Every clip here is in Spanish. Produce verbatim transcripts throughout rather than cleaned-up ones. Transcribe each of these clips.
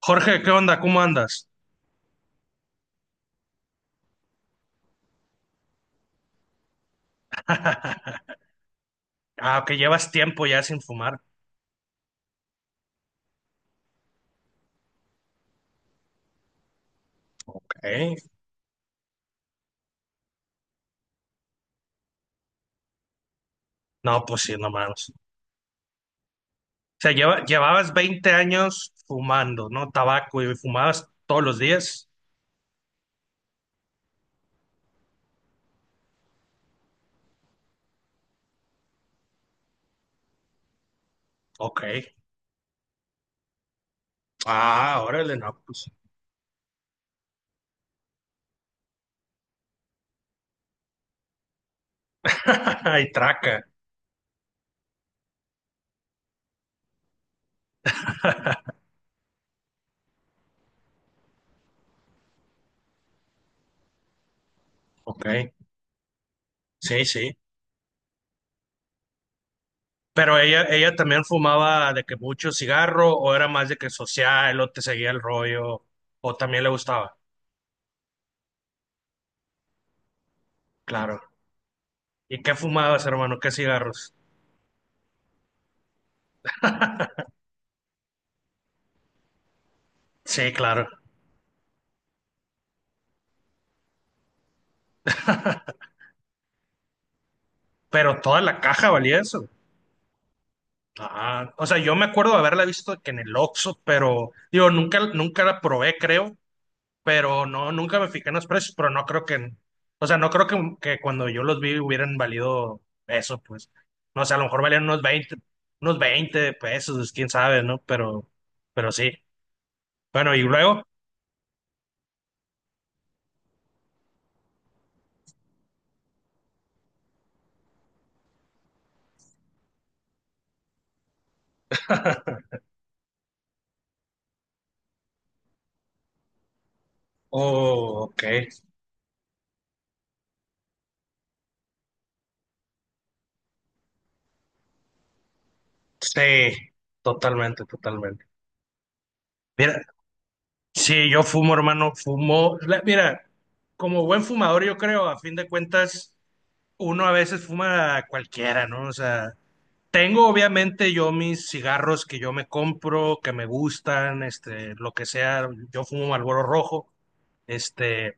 Jorge, ¿qué onda? ¿Cómo andas? Ah, que llevas tiempo ya sin fumar. Ok. No, pues sí, no mames. O sea, lleva- llevabas veinte años fumando, ¿no? Tabaco y fumabas todos los días. Ok. Ah, órale, no, pues. Y traca. Ok. Sí, sí. Pero ella, ella también fumaba de que mucho cigarro, o era más de que social, o te seguía el rollo, o también le gustaba. Claro. ¿Y qué fumabas, hermano? ¿Qué cigarros? Sí, claro. Pero toda la caja valía eso. Ah, o sea, yo me acuerdo de haberla visto que en el Oxxo, pero digo, nunca, nunca la probé, creo, pero no, nunca me fijé en los precios, pero no creo que, o sea, no creo que, que cuando yo los vi hubieran valido eso, pues, no sé, a lo mejor valían unos veinte, unos veinte pesos, quién sabe, ¿no? Pero, pero sí. Bueno, y luego, oh, ok, sí, totalmente, totalmente. Mira, sí, yo fumo, hermano, fumo, La- mira, como buen fumador, yo creo, a fin de cuentas uno a veces fuma cualquiera, ¿no? O sea, tengo obviamente yo mis cigarros que yo me compro, que me gustan, este, lo que sea, yo fumo Marlboro rojo, este,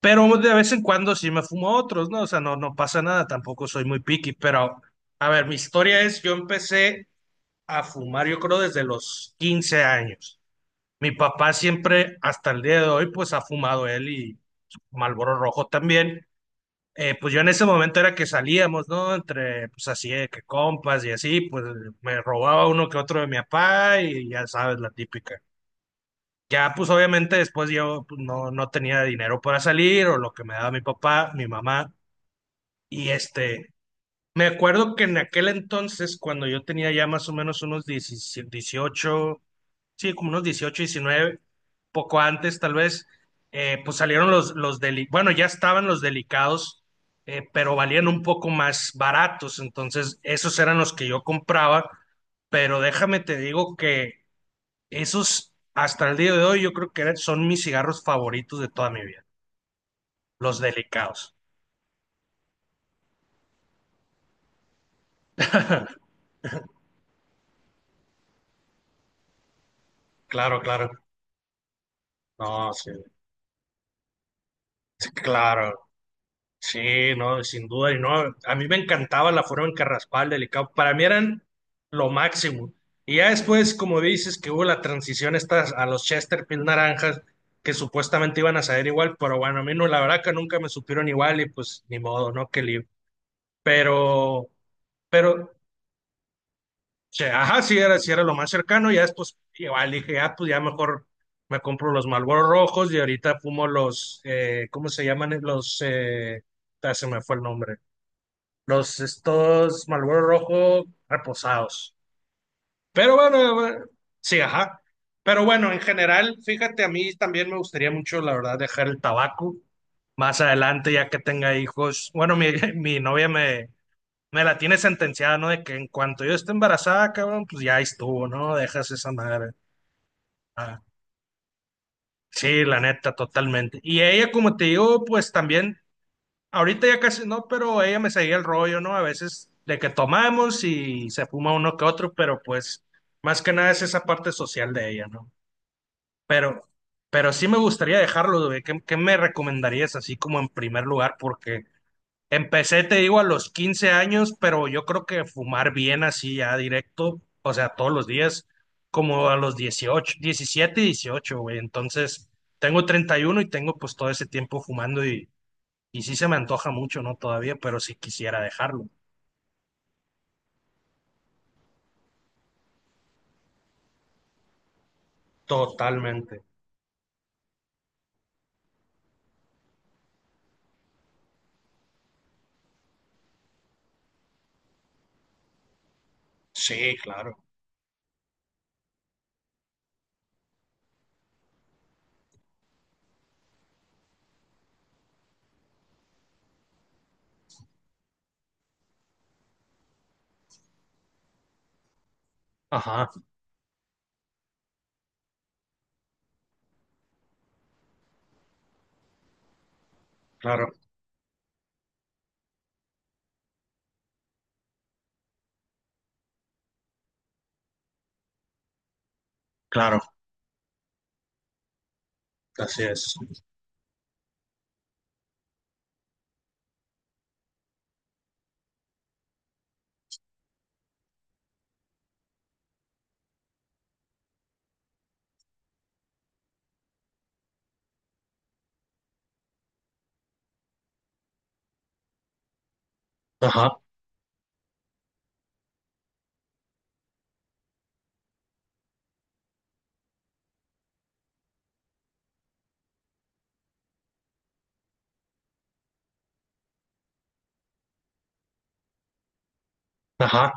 pero de vez en cuando sí me fumo otros, ¿no? O sea, no, no pasa nada, tampoco soy muy picky, pero a ver, mi historia es, yo empecé a fumar, yo creo, desde los quince años. Mi papá siempre, hasta el día de hoy, pues ha fumado él y Marlboro rojo también. Eh, pues yo en ese momento era que salíamos, ¿no? Entre, pues así, de que compas y así, pues me robaba uno que otro de mi papá y ya sabes, la típica. Ya, pues obviamente después yo pues, no, no tenía dinero para salir o lo que me daba mi papá, mi mamá. Y este, me acuerdo que en aquel entonces, cuando yo tenía ya más o menos unos diecisiete, dieciocho, sí, como unos dieciocho, diecinueve, poco antes tal vez, eh, pues salieron los, los deli- bueno, ya estaban los delicados, eh, pero valían un poco más baratos, entonces esos eran los que yo compraba, pero déjame te digo que esos hasta el día de hoy yo creo que eran- son mis cigarros favoritos de toda mi vida, los delicados. Claro, claro. No, sí, claro. Sí, no, sin duda, y no, a mí me encantaba la forma en que raspaba el delicado, para mí eran lo máximo. Y ya después, como dices, que hubo la transición esta a los Chesterfield naranjas, que supuestamente iban a saber igual, pero bueno, a mí no, la verdad que nunca me supieron igual y pues ni modo, ¿no? Qué lío. Pero, pero, che, ajá, sí era, sí era lo más cercano, ya después igual dije, ah, pues ya mejor me compro los Marlboro rojos y ahorita fumo los, eh, ¿cómo se llaman? Los, eh, ah, se me fue el nombre los estos Marlboro Rojo reposados. Pero bueno, bueno, sí, ajá. Pero bueno, en general, fíjate, a mí también me gustaría mucho, la verdad, dejar el tabaco más adelante, ya que tenga hijos. Bueno, mi, mi novia me, me la tiene sentenciada, ¿no? De que en cuanto yo esté embarazada, cabrón, pues ya estuvo, ¿no? Dejas esa madre. Ah, sí, la neta, totalmente. Y ella, como te digo, pues también. Ahorita ya casi no, pero ella me seguía el rollo, ¿no? A veces de que tomamos y se fuma uno que otro, pero pues más que nada es esa parte social de ella, ¿no? Pero, pero sí me gustaría dejarlo, güey. ¿Qué, qué me recomendarías así como en primer lugar? Porque empecé, te digo, a los quince años, pero yo creo que fumar bien así ya directo, o sea, todos los días, como a los dieciocho, diecisiete, y dieciocho, güey. Entonces, tengo treinta y uno y uno y tengo pues todo ese tiempo fumando y sí se me antoja mucho, ¿no? Todavía, pero sí quisiera dejarlo. Totalmente. Sí, claro. Ajá, claro, claro. Así es. Ajá, ajá.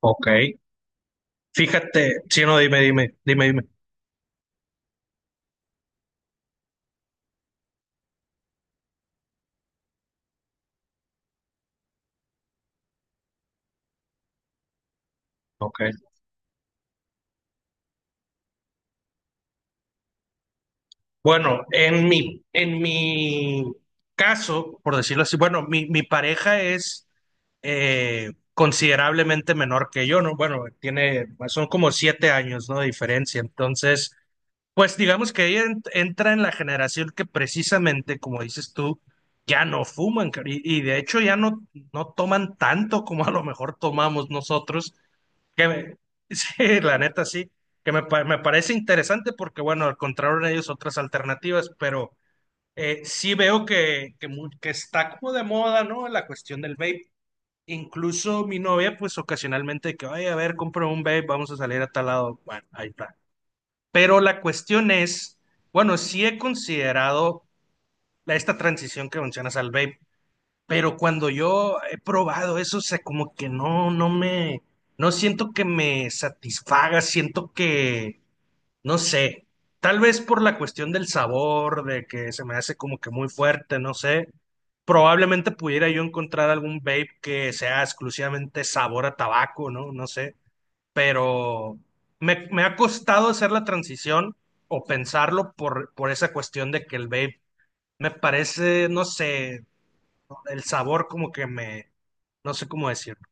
Ok. Fíjate, sí, no, dime, dime, dime, dime. Ok. Bueno, en mi, en mi caso, por decirlo así, bueno, mi, mi pareja es eh, considerablemente menor que yo, ¿no? Bueno, tiene, son como siete años, ¿no? De diferencia. Entonces, pues digamos que ella ent- entra en la generación que precisamente, como dices tú, ya no fuman car- y, y de hecho ya no, no toman tanto como a lo mejor tomamos nosotros, que me- sí, la neta sí, que me, pa- me parece interesante porque bueno, encontraron ellos otras alternativas, pero eh, sí veo que, que, mu- que está como de moda, ¿no? La cuestión del vape. Incluso mi novia, pues ocasionalmente, que, ay, a ver, compro un vape, vamos a salir a tal lado. Bueno, ahí está. Pero la cuestión es, bueno, sí he considerado la- esta transición que mencionas al vape, pero cuando yo he probado eso, o sea, como que no, no me, no siento que me satisfaga, siento que, no sé, tal vez por la cuestión del sabor, de que se me hace como que muy fuerte, no sé. Probablemente pudiera yo encontrar algún vape que sea exclusivamente sabor a tabaco, ¿no? No sé pero me, me ha costado hacer la transición o pensarlo por, por esa cuestión de que el vape me parece, no sé, el sabor como que me, no sé cómo decirlo.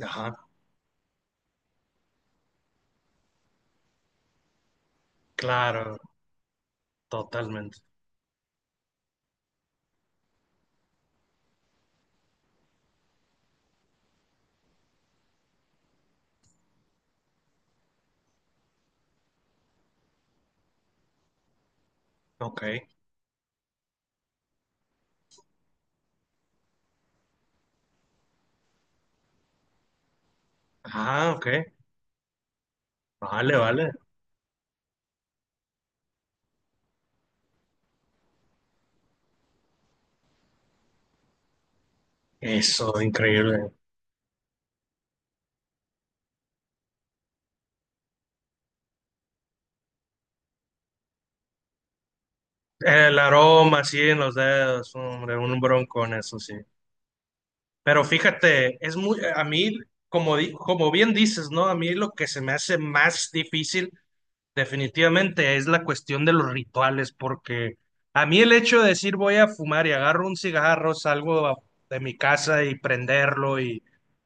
Ajá, claro, totalmente. Ok. Ah, ok. Vale, vale. Eso, increíble. El aroma, sí, en los dedos, hombre, un bronco en eso, sí. Pero fíjate, es muy, a mí, como, di- como bien dices, ¿no? A mí lo que se me hace más difícil definitivamente es la cuestión de los rituales, porque a mí el hecho de decir voy a fumar y agarro un cigarro, salgo a- de mi casa y prenderlo y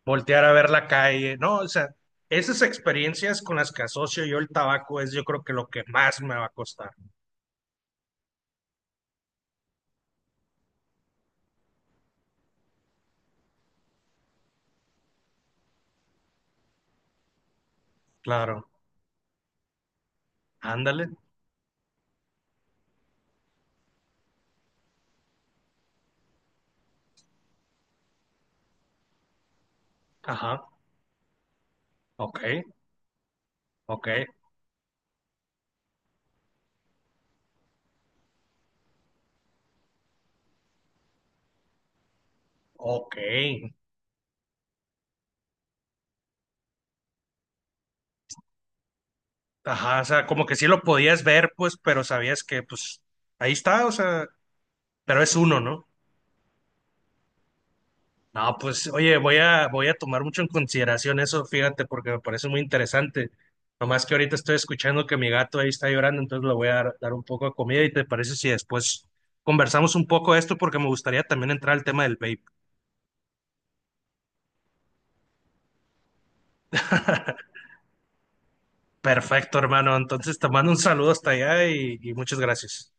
voltear a ver la calle, no, o sea, esas experiencias con las que asocio yo el tabaco es yo creo que lo que más me va a costar. Claro, ándale, ajá, ok, ok, ok, ajá, o sea, como que sí lo podías ver, pues, pero sabías que, pues, ahí está, o sea, pero es uno, ¿no? No, pues oye, voy a, voy a tomar mucho en consideración eso, fíjate, porque me parece muy interesante. Nomás que ahorita estoy escuchando que mi gato ahí está llorando, entonces le voy a dar, dar un poco de comida y te parece si después conversamos un poco de esto, porque me gustaría también entrar al tema del vape. Perfecto, hermano. Entonces te mando un saludo hasta allá y, y muchas gracias.